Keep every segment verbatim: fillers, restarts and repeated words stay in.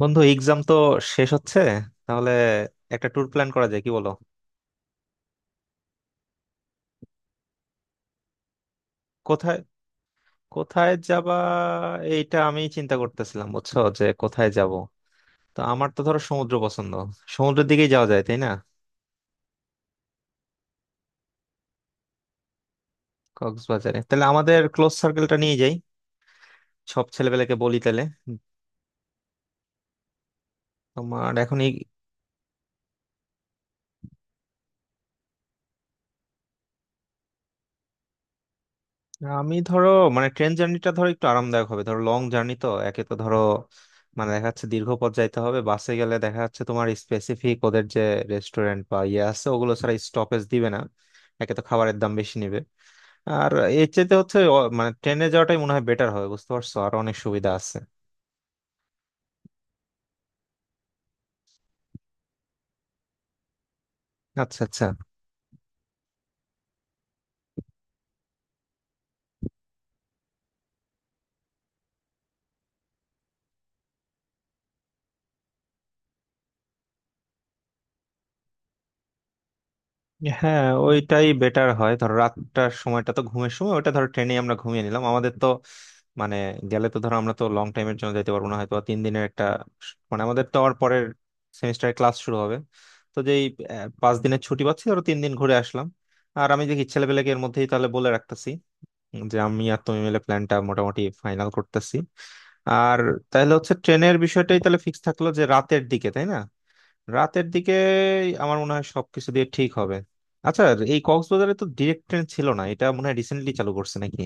বন্ধু, এক্সাম তো শেষ হচ্ছে, তাহলে একটা ট্যুর প্ল্যান করা যায়, কি বলো? কোথায় কোথায় যাবা, এইটা আমি চিন্তা করতেছিলাম, বুঝছো? যে কোথায় যাব। তো আমার তো ধরো সমুদ্র পছন্দ, সমুদ্রের দিকেই যাওয়া যায়, তাই না? কক্সবাজারে তাহলে আমাদের ক্লোজ সার্কেলটা নিয়ে যাই, সব ছেলেপেলেকে বলি তাহলে। তোমার এখন আমি ধরো, মানে ট্রেন জার্নিটা ধরো একটু আরামদায়ক হবে, ধরো লং জার্নি তো, একে তো ধরো মানে দেখা যাচ্ছে দীর্ঘ পথ যাইতে হবে, বাসে গেলে দেখা যাচ্ছে তোমার স্পেসিফিক ওদের যে রেস্টুরেন্ট বা ইয়ে আছে ওগুলো ছাড়া স্টপেজ দিবে না, একে তো খাবারের দাম বেশি নিবে। আর এর চাইতে হচ্ছে ও- মানে ট্রেনে যাওয়াটাই মনে হয় বেটার হবে, বুঝতে পারছো? আর অনেক সুবিধা আছে। আচ্ছা আচ্ছা। হ্যাঁ, ওইটাই বেটার হয়, ধর রাতটার সময়টা তো ঘুমের সময়, ওটা ধর ট্রেনে আমরা ঘুমিয়ে নিলাম, আমাদের তো মানে গেলে তো ধর আমরা তো লং টাইমের জন্য যেতে পারবো না, হয়তো বা তিন দিনের একটা স- মানে আমাদের তো আবার পরের সেমিস্টারে ক্লাস শুরু হবে। তো যেই আহ, পাঁচ দিনের ছুটি পাচ্ছি, ধরো তিন দিন ঘুরে আসলাম। আর আমি দেখি ছেলেপেলেকে এর মধ্যেই তাহলে বলে রাখতেছি, যে আমি আর তুমি মিলে প্ল্যানটা মোটামুটি ফাইনাল করতেছি। আর তাহলে হচ্ছে ট্রেনের বিষয়টাই তাহলে ফিক্স থাকলো, যে রাতের দিকে, তাই না? রাতের দিকে আমার মনে হয় সবকিছু দিয়ে ঠিক হবে। আচ্ছা, এই কক্সবাজারে তো ডিরেক্ট ট্রেন ছিল না, এটা মনে হয় রিসেন্টলি চালু করছে নাকি?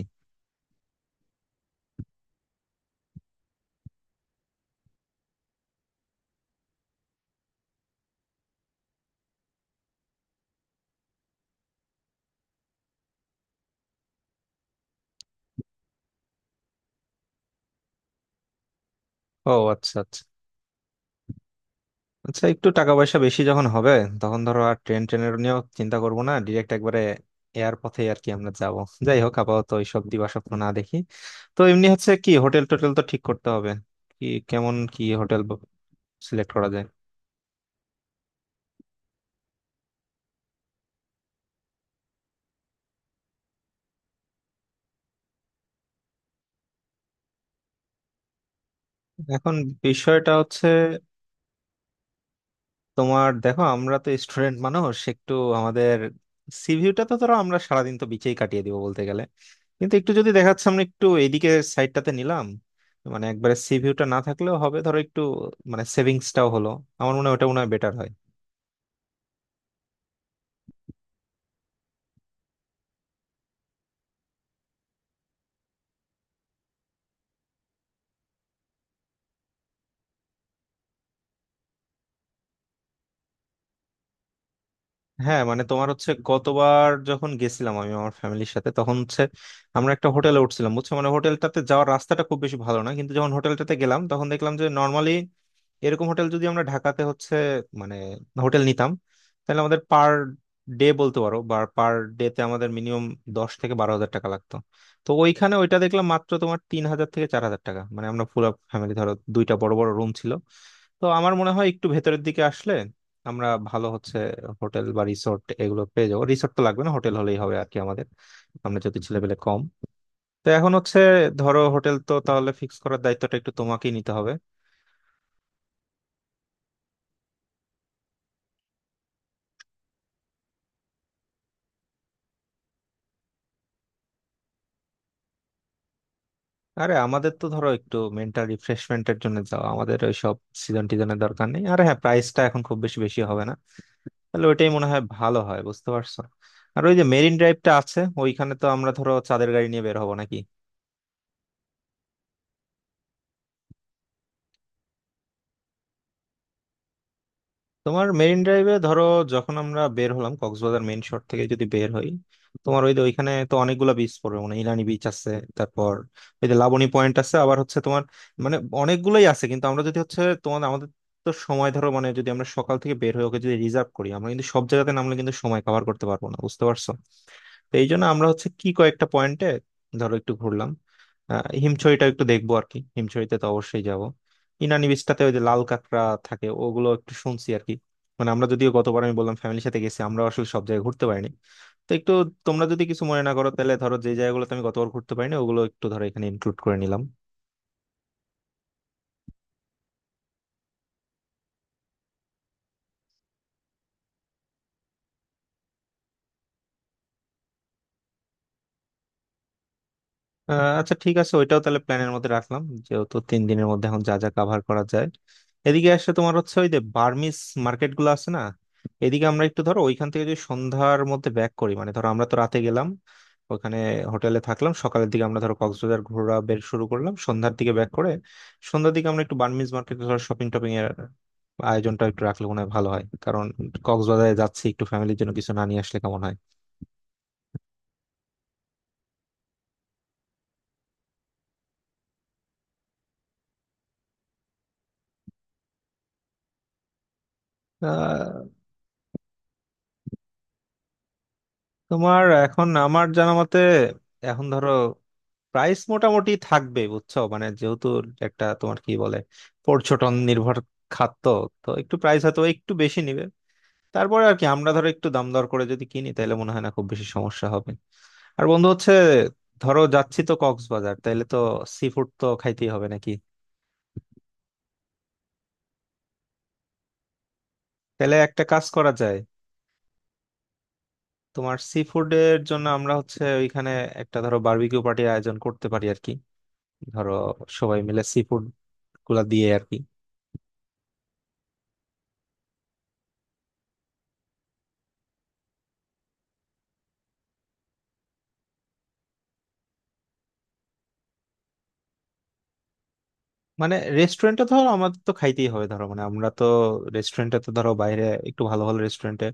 ও আচ্ছা আচ্ছা। আচ্ছা, একটু টাকা পয়সা বেশি যখন হবে, তখন ধরো আর ট্রেন ট্রেনের নিয়েও চিন্তা করবো না, ডিরেক্ট একবারে এয়ার পথে আর কি আমরা যাব। যাই হোক, আপাতত এইসব দিবাস্বপ্ন না দেখি। তো এমনি হচ্ছে কি, হোটেল টোটেল তো ঠিক করতে হবে। কি কেমন কি হোটেল সিলেক্ট করা যায়? এখন বিষয়টা হচ্ছে তোমার দেখো আমরা তো স্টুডেন্ট মানুষ, একটু আমাদের সিভিউটা তো ধরো, আমরা সারাদিন তো বিচেই কাটিয়ে দিব বলতে গেলে, কিন্তু একটু যদি দেখা যাচ্ছে আমরা একটু এইদিকে সাইডটাতে নিলাম, মানে একবারে সিভিউটা না থাকলেও হবে, ধরো একটু মানে সেভিংসটাও হলো, আমার মনে হয় ওটা মনে হয় বেটার হয়। হ্যাঁ, মানে তোমার হচ্ছে গতবার যখন গেছিলাম আমি আমার ফ্যামিলির সাথে, তখন হচ্ছে আমরা একটা হোটেলে উঠছিলাম, বুঝছো? মানে হোটেলটাতে যাওয়ার রাস্তাটা খুব বেশি ভালো না, কিন্তু যখন হোটেলটাতে গেলাম তখন দেখলাম যে নর্মালি এরকম হোটেল যদি আমরা ঢাকাতে হচ্ছে মানে হোটেল নিতাম, তাহলে আমাদের পার ডে বলতে পারো বা পার ডে তে আমাদের মিনিমাম দশ থেকে বারো হাজার টাকা লাগতো। তো ওইখানে ওইটা দেখলাম মাত্র তোমার তিন হাজার থেকে চার হাজার টাকা, মানে আমরা পুরো ফ্যামিলি ধরো দুইটা বড় বড় রুম ছিল। তো আমার মনে হয় একটু ভেতরের দিকে আসলে আমরা ভালো হচ্ছে হোটেল বা রিসোর্ট এগুলো পেয়ে যাবো। রিসোর্ট তো লাগবে না, হোটেল হলেই হবে আর কি, আমাদের আমরা যদি ছেলেপেলে কম। তো এখন হচ্ছে ধরো হোটেল তো তাহলে ফিক্স করার দায়িত্বটা একটু তোমাকেই নিতে হবে। আরে আমাদের তো ধরো একটু মেন্টাল রিফ্রেশমেন্টের জন্য যাওয়া, আমাদের ওই সব সিজন টিজনের দরকার নেই, আর হ্যাঁ প্রাইসটা এখন খুব বেশি বেশি হবে না, তাহলে ওইটাই মনে হয় ভালো হয়, বুঝতে পারছো? আর ওই যে মেরিন ড্রাইভটা আছে, ওইখানে তো আমরা ধরো চাঁদের গাড়ি নিয়ে বের হবো নাকি? তোমার মেরিন ড্রাইভে ধরো যখন আমরা বের হলাম, কক্সবাজার মেইন শহর থেকে যদি বের হই, তোমার ওই যে ওইখানে তো অনেকগুলো বিচ পড়বে, মানে ইলানি বিচ আছে, তারপর ওই যে লাবণী পয়েন্ট আছে, আবার হচ্ছে তোমার মানে অনেকগুলোই আছে, কিন্তু আমরা যদি হচ্ছে তোমার আমাদের তো সময় ধরো, মানে যদি আমরা সকাল থেকে বের হয়ে ওকে যদি রিজার্ভ করি, আমরা কিন্তু সব জায়গাতে নামলে কিন্তু সময় কভার করতে পারবো না, বুঝতে পারছো? তো এই জন্য আমরা হচ্ছে কি কয়েকটা পয়েন্টে ধরো একটু ঘুরলাম। আহ, হিমছড়িটা একটু দেখবো আর কি, হিমছড়িতে তো অবশ্যই যাব। ইনানি বিচটাতে ওই যে লাল কাঁকড়া থাকে ওগুলো একটু শুনছি আর কি, মানে আমরা যদিও গতবার আমি বললাম ফ্যামিলির সাথে গেছি, আমরা আসলে সব জায়গায় ঘুরতে পারিনি। তো একটু তোমরা যদি কিছু মনে না করো, তাহলে ধরো যে জায়গাগুলোতে আমি গতবার ঘুরতে পারিনি ওগুলো একটু ধরো এখানে ইনক্লুড করে নিলাম। আহ, আচ্ছা ঠিক আছে, ওইটাও তাহলে প্ল্যানের মধ্যে রাখলাম, যেহেতু তিন দিনের মধ্যে এখন যা যা কাভার করা যায়। এদিকে আসলে তোমার হচ্ছে ওই যে বার্মিস মার্কেট গুলো আছে না, এদিকে আমরা একটু ধরো ওইখান থেকে যদি সন্ধ্যার মধ্যে ব্যাক করি, মানে ধরো আমরা তো রাতে গেলাম ওখানে, হোটেলে থাকলাম, সকালের দিকে আমরা ধরো কক্সবাজার ঘোরা বের শুরু করলাম, সন্ধ্যার দিকে ব্যাক করে সন্ধ্যার দিকে আমরা একটু বার্মিস মার্কেট ধরো শপিং টপিং এর আয়োজনটা একটু রাখলে মনে হয় ভালো হয়, কারণ কক্সবাজারে যাচ্ছি একটু ফ্যামিলির জন্য কিছু না নিয়ে আসলে কেমন হয়। তোমার এখন আমার জানা মতে এখন ধরো প্রাইস মোটামুটি থাকবে, বুঝছো? মানে যেহেতু একটা তোমার কি বলে, পর্যটন নির্ভর খাত তো, তো একটু প্রাইস হয়তো একটু বেশি নিবে। তারপরে আর কি আমরা ধরো একটু দাম দর করে যদি কিনি, তাহলে মনে হয় না খুব বেশি সমস্যা হবে। আর বন্ধু হচ্ছে ধরো যাচ্ছি তো কক্সবাজার, তাহলে তো সি ফুড তো খাইতেই হবে নাকি। তাহলে একটা কাজ করা যায়, তোমার সি ফুডের জন্য আমরা হচ্ছে ওইখানে একটা ধরো বারবিকিউ পার্টির আয়োজন করতে পারি আর কি, ধরো সবাই মিলে সি ফুড গুলা দিয়ে আর কি। মানে রেস্টুরেন্টে ধরো আমাদের তো খাইতেই হবে ধরো, মানে আমরা তো রেস্টুরেন্টে তো ধরো বাইরে একটু ভালো ভালো রেস্টুরেন্টে,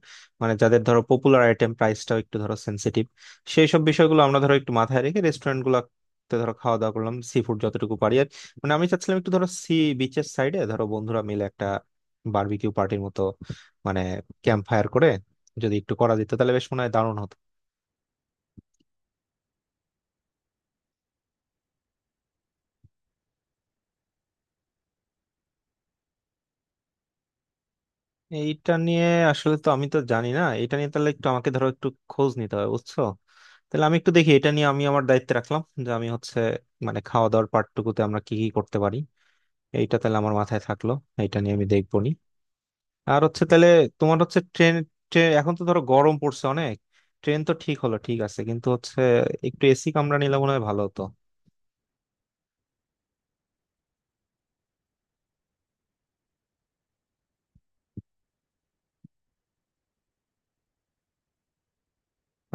মানে যাদের ধরো পপুলার আইটেম, প্রাইসটাও একটু ধরো সেন্সিটিভ, সেই সব বিষয়গুলো আমরা ধরো একটু মাথায় রেখে রেস্টুরেন্ট গুলাতে ধরো খাওয়া দাওয়া করলাম সি ফুড যতটুকু পারি। আর মানে আমি চাচ্ছিলাম একটু ধরো সি বিচের সাইডে ধরো বন্ধুরা মিলে একটা বারবিকিউ পার্টির মতো, মানে ক্যাম্প ফায়ার করে যদি একটু করা যেত, তাহলে বেশ মনে হয় দারুণ হতো। এইটা নিয়ে আসলে তো আমি তো জানি না, এটা নিয়ে তাহলে একটু আমাকে ধরো একটু খোঁজ নিতে হবে, বুঝছো? তাহলে আমি একটু দেখি এটা নিয়ে, আমি আমার দায়িত্বে রাখলাম, যে আমি হচ্ছে মানে খাওয়া দাওয়ার পার্টটুকুতে আমরা কি কি করতে পারি, এইটা তাহলে আমার মাথায় থাকলো, এইটা নিয়ে আমি দেখবো নি। আর হচ্ছে তাহলে তোমার হচ্ছে ট্রেন, এখন তো ধরো গরম পড়ছে অনেক, ট্রেন তো ঠিক হলো ঠিক আছে, কিন্তু হচ্ছে একটু এসি কামরা নিলে মনে হয় ভালো হতো।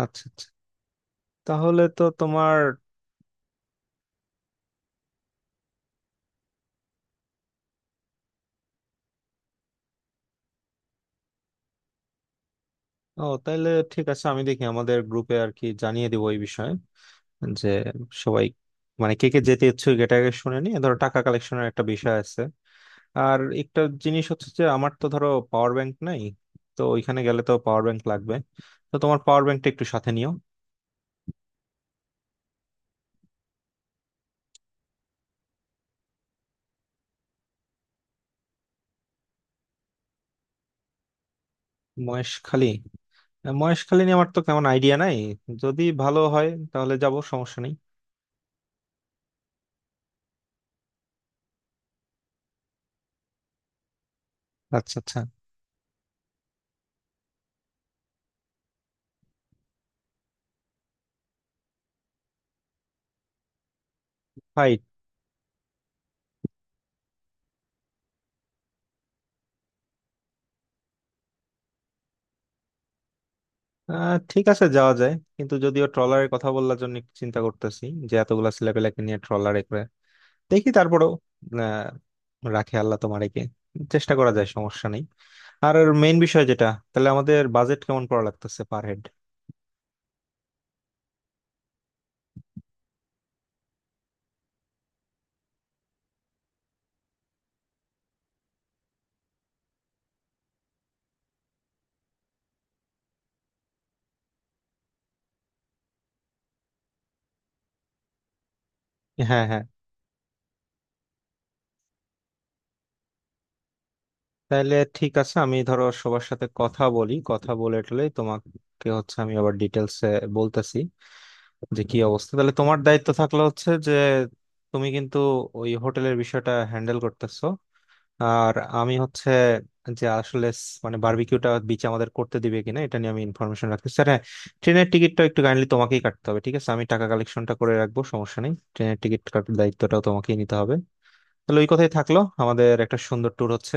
আচ্ছা আচ্ছা, তাহলে তো তোমার। ও তাহলে ঠিক আছে, আমি দেখি আমাদের গ্রুপে আর কি জানিয়ে দিব এই বিষয়ে, যে সবাই মানে কে কে যেতে ইচ্ছুক, এটা আগে শুনে নিয়ে ধরো টাকা কালেকশনের একটা বিষয় আছে। আর একটা জিনিস হচ্ছে যে আমার তো ধরো পাওয়ার ব্যাংক নাই, তো ওইখানে গেলে তো পাওয়ার ব্যাংক লাগবে, তো তোমার পাওয়ার ব্যাংকটা একটু সাথে নিও। মহেশখালী? আহ, মহেশখালী নিয়ে আমার তো কেমন আইডিয়া নাই, যদি ভালো হয় তাহলে যাব, সমস্যা নেই। আচ্ছা আচ্ছা। ফাইট। আহ, ঠিক আছে যাওয়া যায়, কিন্তু যদিও ট্রলারের কথা বলার জন্য একটু চিন্তা করতেছি, যে এতগুলা ছেলেপেলেকে নিয়ে ট্রলারে করে, দেখি তারপরেও। আহ, রাখে আল্লাহ, তোমার একে চেষ্টা করা যায়, সমস্যা নেই। আর মেইন বিষয় যেটা, তাহলে আমাদের বাজেট কেমন পড়া লাগতেছে পার হেড। হ্যাঁ হ্যাঁ, তাহলে ঠিক আছে, আমি ধরো সবার সাথে কথা বলি, কথা বলে টলে তোমাকে হচ্ছে আমি আবার ডিটেলসে বলতেছি, যে কি অবস্থা। তাহলে তোমার দায়িত্ব থাকলো হচ্ছে যে তুমি কিন্তু ওই হোটেলের বিষয়টা হ্যান্ডেল করতেছো। আর আমি হচ্ছে যে আসলে স- মানে বারবিকিউটা বিচ আমাদের করতে দিবে কিনা এটা নিয়ে আমি ইনফরমেশন রাখছি, স্যার, হ্যাঁ। ট্রেনের টিকিটটা একটু কাইন্ডলি তোমাকেই কাটতে হবে, ঠিক আছে? আমি টাকা কালেকশনটা করে রাখবো, সমস্যা নেই। ট্রেনের টিকিট কাটার দায়িত্বটাও তোমাকেই নিতে হবে। তাহলে ওই কথাই থাকলো, আমাদের একটা সুন্দর ট্যুর হচ্ছে।